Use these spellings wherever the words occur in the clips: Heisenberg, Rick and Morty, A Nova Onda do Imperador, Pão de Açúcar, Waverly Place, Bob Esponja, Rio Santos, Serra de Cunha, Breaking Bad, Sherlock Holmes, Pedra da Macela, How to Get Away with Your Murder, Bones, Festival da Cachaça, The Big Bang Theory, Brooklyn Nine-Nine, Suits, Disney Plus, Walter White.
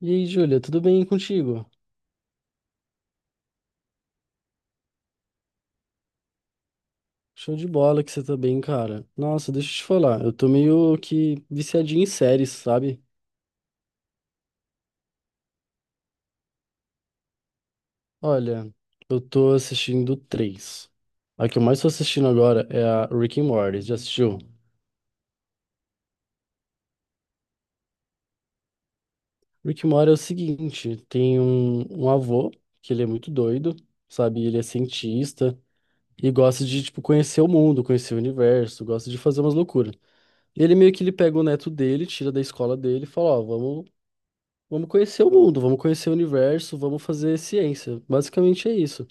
E aí, Júlia, tudo bem contigo? Show de bola que você tá bem, cara. Nossa, deixa eu te falar, eu tô meio que viciadinho em séries, sabe? Olha, eu tô assistindo três. A que eu mais tô assistindo agora é a Rick and Morty, já assistiu? Rick and Morty é o seguinte, tem um avô, que ele é muito doido, sabe? Ele é cientista e gosta de, tipo, conhecer o mundo, conhecer o universo, gosta de fazer umas loucuras. E ele meio que ele pega o neto dele, tira da escola dele e fala, ó, vamos. Vamos conhecer o mundo, vamos conhecer o universo, vamos fazer ciência. Basicamente é isso.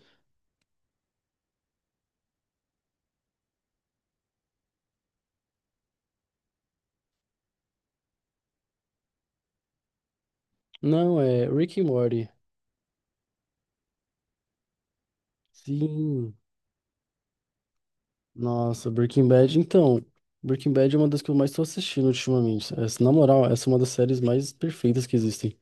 Não, é Rick and Morty. Sim. Nossa, Breaking Bad, então. Breaking Bad é uma das que eu mais tô assistindo ultimamente. Essa, na moral, essa é uma das séries mais perfeitas que existem.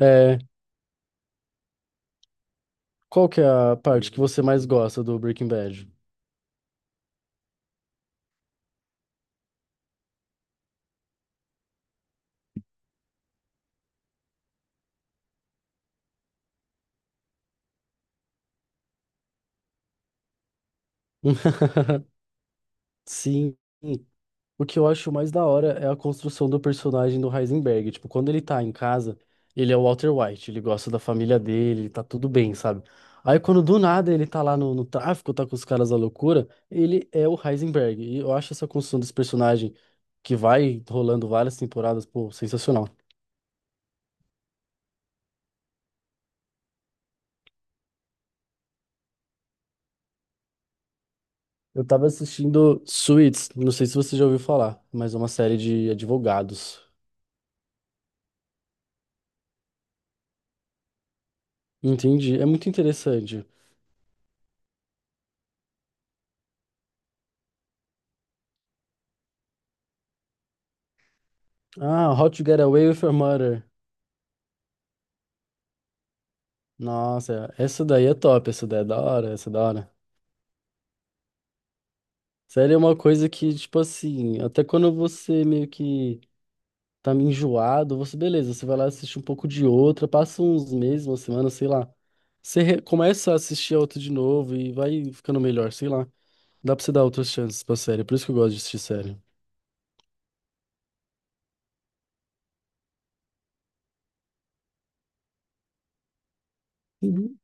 É, qual que é a parte que você mais gosta do Breaking Bad? Sim. O que eu acho mais da hora é a construção do personagem do Heisenberg. Tipo, quando ele tá em casa, ele é o Walter White, ele gosta da família dele, tá tudo bem, sabe? Aí quando do nada ele tá lá no tráfico, tá com os caras da loucura, ele é o Heisenberg. E eu acho essa construção desse personagem que vai rolando várias temporadas, pô, sensacional. Eu tava assistindo Suits, não sei se você já ouviu falar, mas é uma série de advogados. Entendi, é muito interessante. Ah, How to Get Away with Your Murder. Nossa, essa daí é top, essa daí é da hora, essa é da hora. Sério, é uma coisa que, tipo assim, até quando você meio que tá meio enjoado, você, beleza, você vai lá assistir um pouco de outra, passa uns meses, uma semana, sei lá. Você começa a assistir a outra de novo e vai ficando melhor, sei lá. Dá pra você dar outras chances pra série, é por isso que eu gosto de assistir série. Uhum.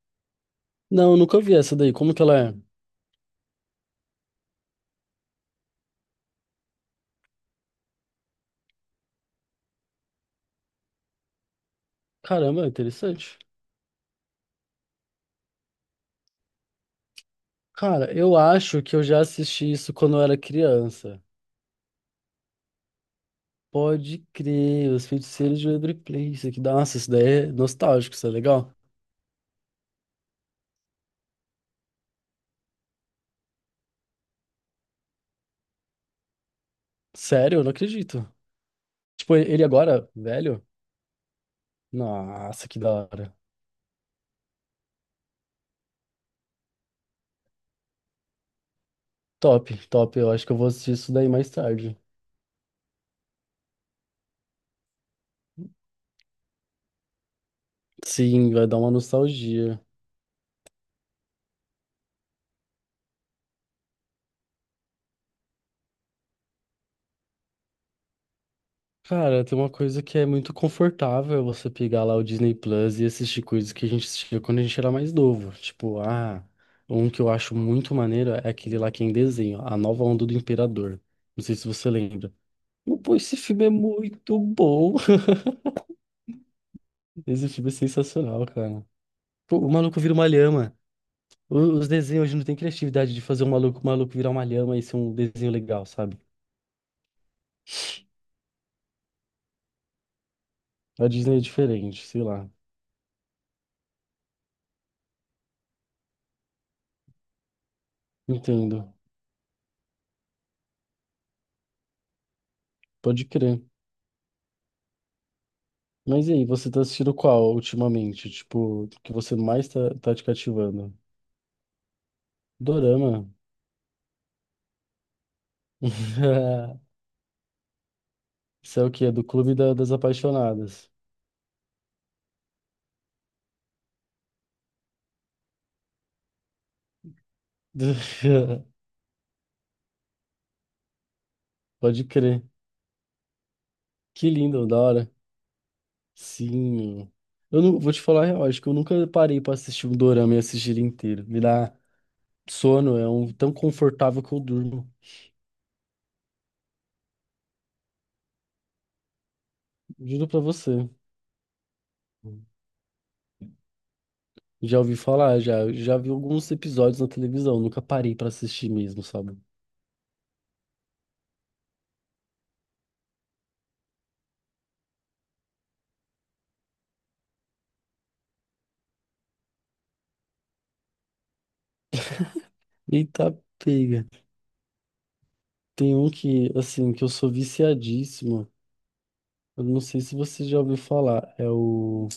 Não, nunca vi essa daí, como que ela é? Caramba, é interessante. Cara, eu acho que eu já assisti isso quando eu era criança. Pode crer, os feiticeiros de Waverly Place. Isso aqui, nossa, isso daí é nostálgico, isso é legal. Sério, eu não acredito. Tipo, ele agora, velho? Nossa, que da hora. Top, top. Eu acho que eu vou assistir isso daí mais tarde. Sim, vai dar uma nostalgia. Cara, tem uma coisa que é muito confortável você pegar lá o Disney Plus e assistir coisas que a gente assistia quando a gente era mais novo. Tipo, ah, um que eu acho muito maneiro é aquele lá que é em desenho, A Nova Onda do Imperador. Não sei se você lembra. Pô, esse filme é muito bom. Esse filme é sensacional, cara. Pô, o maluco vira uma lhama. Os desenhos hoje não tem criatividade de fazer um maluco, maluco virar uma lhama e ser um desenho legal, sabe? A Disney é diferente, sei lá. Entendo. Pode crer. Mas e aí, você tá assistindo qual ultimamente? Tipo, que você mais tá, tá te cativando? Dorama. Isso é o quê? É do Clube da- das Apaixonadas. Pode crer. Que lindo, da hora. Sim. Eu não vou te falar, a real, acho que eu nunca parei pra assistir um dorama e assistir ele inteiro. Me dá sono, é um tão confortável que eu durmo. Juro pra você. Já ouvi falar, já, já vi alguns episódios na televisão, nunca parei pra assistir mesmo, sabe? Eita, pega. Tem um que, assim, que eu sou viciadíssimo. Eu não sei se você já ouviu falar, é o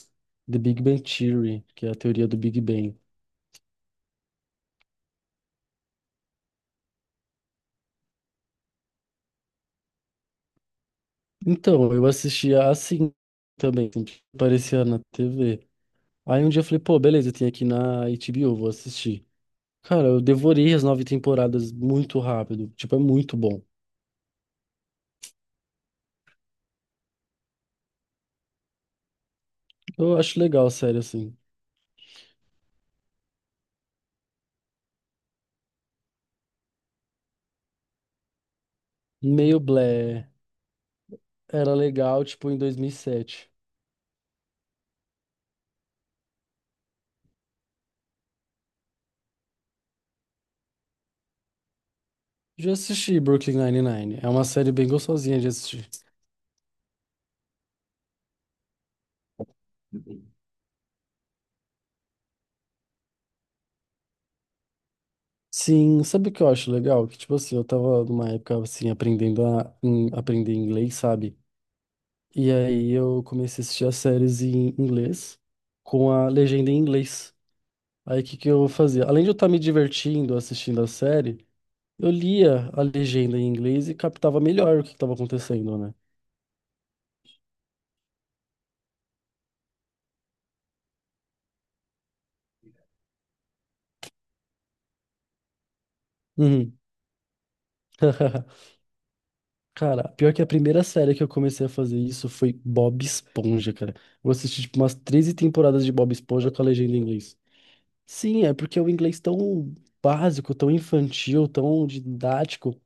The Big Bang Theory, que é a teoria do Big Bang. Então, eu assistia assim também, sempre que aparecia na TV. Aí um dia eu falei, pô, beleza, tem aqui na HBO, vou assistir. Cara, eu devorei as nove temporadas muito rápido. Tipo, é muito bom. Eu acho legal, sério, assim. Meio blé. Era legal, tipo, em 2007. Já assisti Brooklyn Nine-Nine. É uma série bem gostosinha de assistir. Sim, sabe o que eu acho legal? Que, tipo assim, eu tava numa época, assim, aprendendo a aprender inglês, sabe? E aí eu comecei a assistir as séries em inglês com a legenda em inglês. Aí o que que eu fazia? Além de eu estar me divertindo assistindo a série, eu lia a legenda em inglês e captava melhor o que estava acontecendo, né? Uhum. Cara, pior que a primeira série que eu comecei a fazer isso foi Bob Esponja, cara. Eu assisti tipo umas 13 temporadas de Bob Esponja com a legenda em inglês. Sim, é porque é um inglês tão básico, tão infantil, tão didático,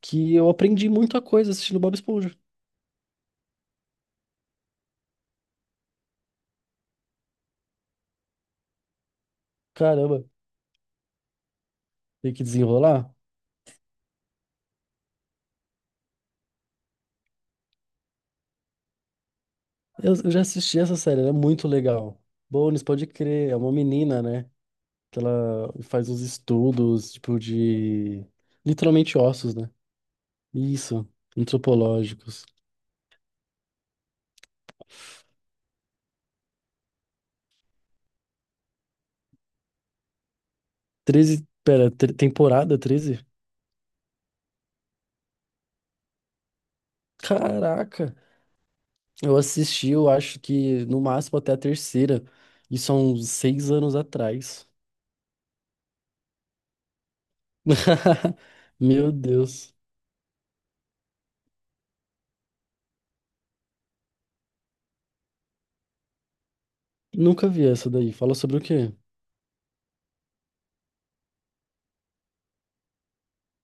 que eu aprendi muita coisa assistindo Bob Esponja. Caramba, tem que desenrolar? Eu já assisti essa série, ela é muito legal. Bones, pode crer, é uma menina, né? Que ela faz uns estudos, tipo, de... Literalmente ossos, né? Isso, antropológicos. 13, pera, temporada 13. Caraca! Eu assisti, eu acho que no máximo até a terceira. Isso são 6 anos atrás. Meu Deus. Nunca vi essa daí. Fala sobre o quê?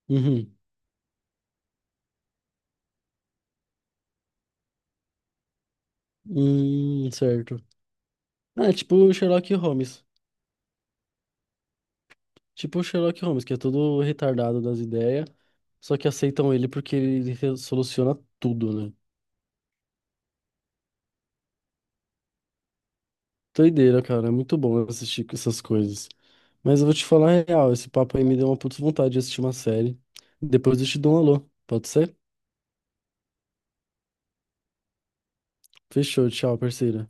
Uhum. Certo. Ah, é tipo Sherlock Holmes. Tipo o Sherlock Holmes, que é todo retardado das ideias, só que aceitam ele porque ele soluciona tudo, né? Doideira, cara, é muito bom assistir com essas coisas. Mas eu vou te falar a real, esse papo aí me deu uma puta vontade de assistir uma série. Depois eu te dou um alô, pode ser? Fechou, tchau, parceiro.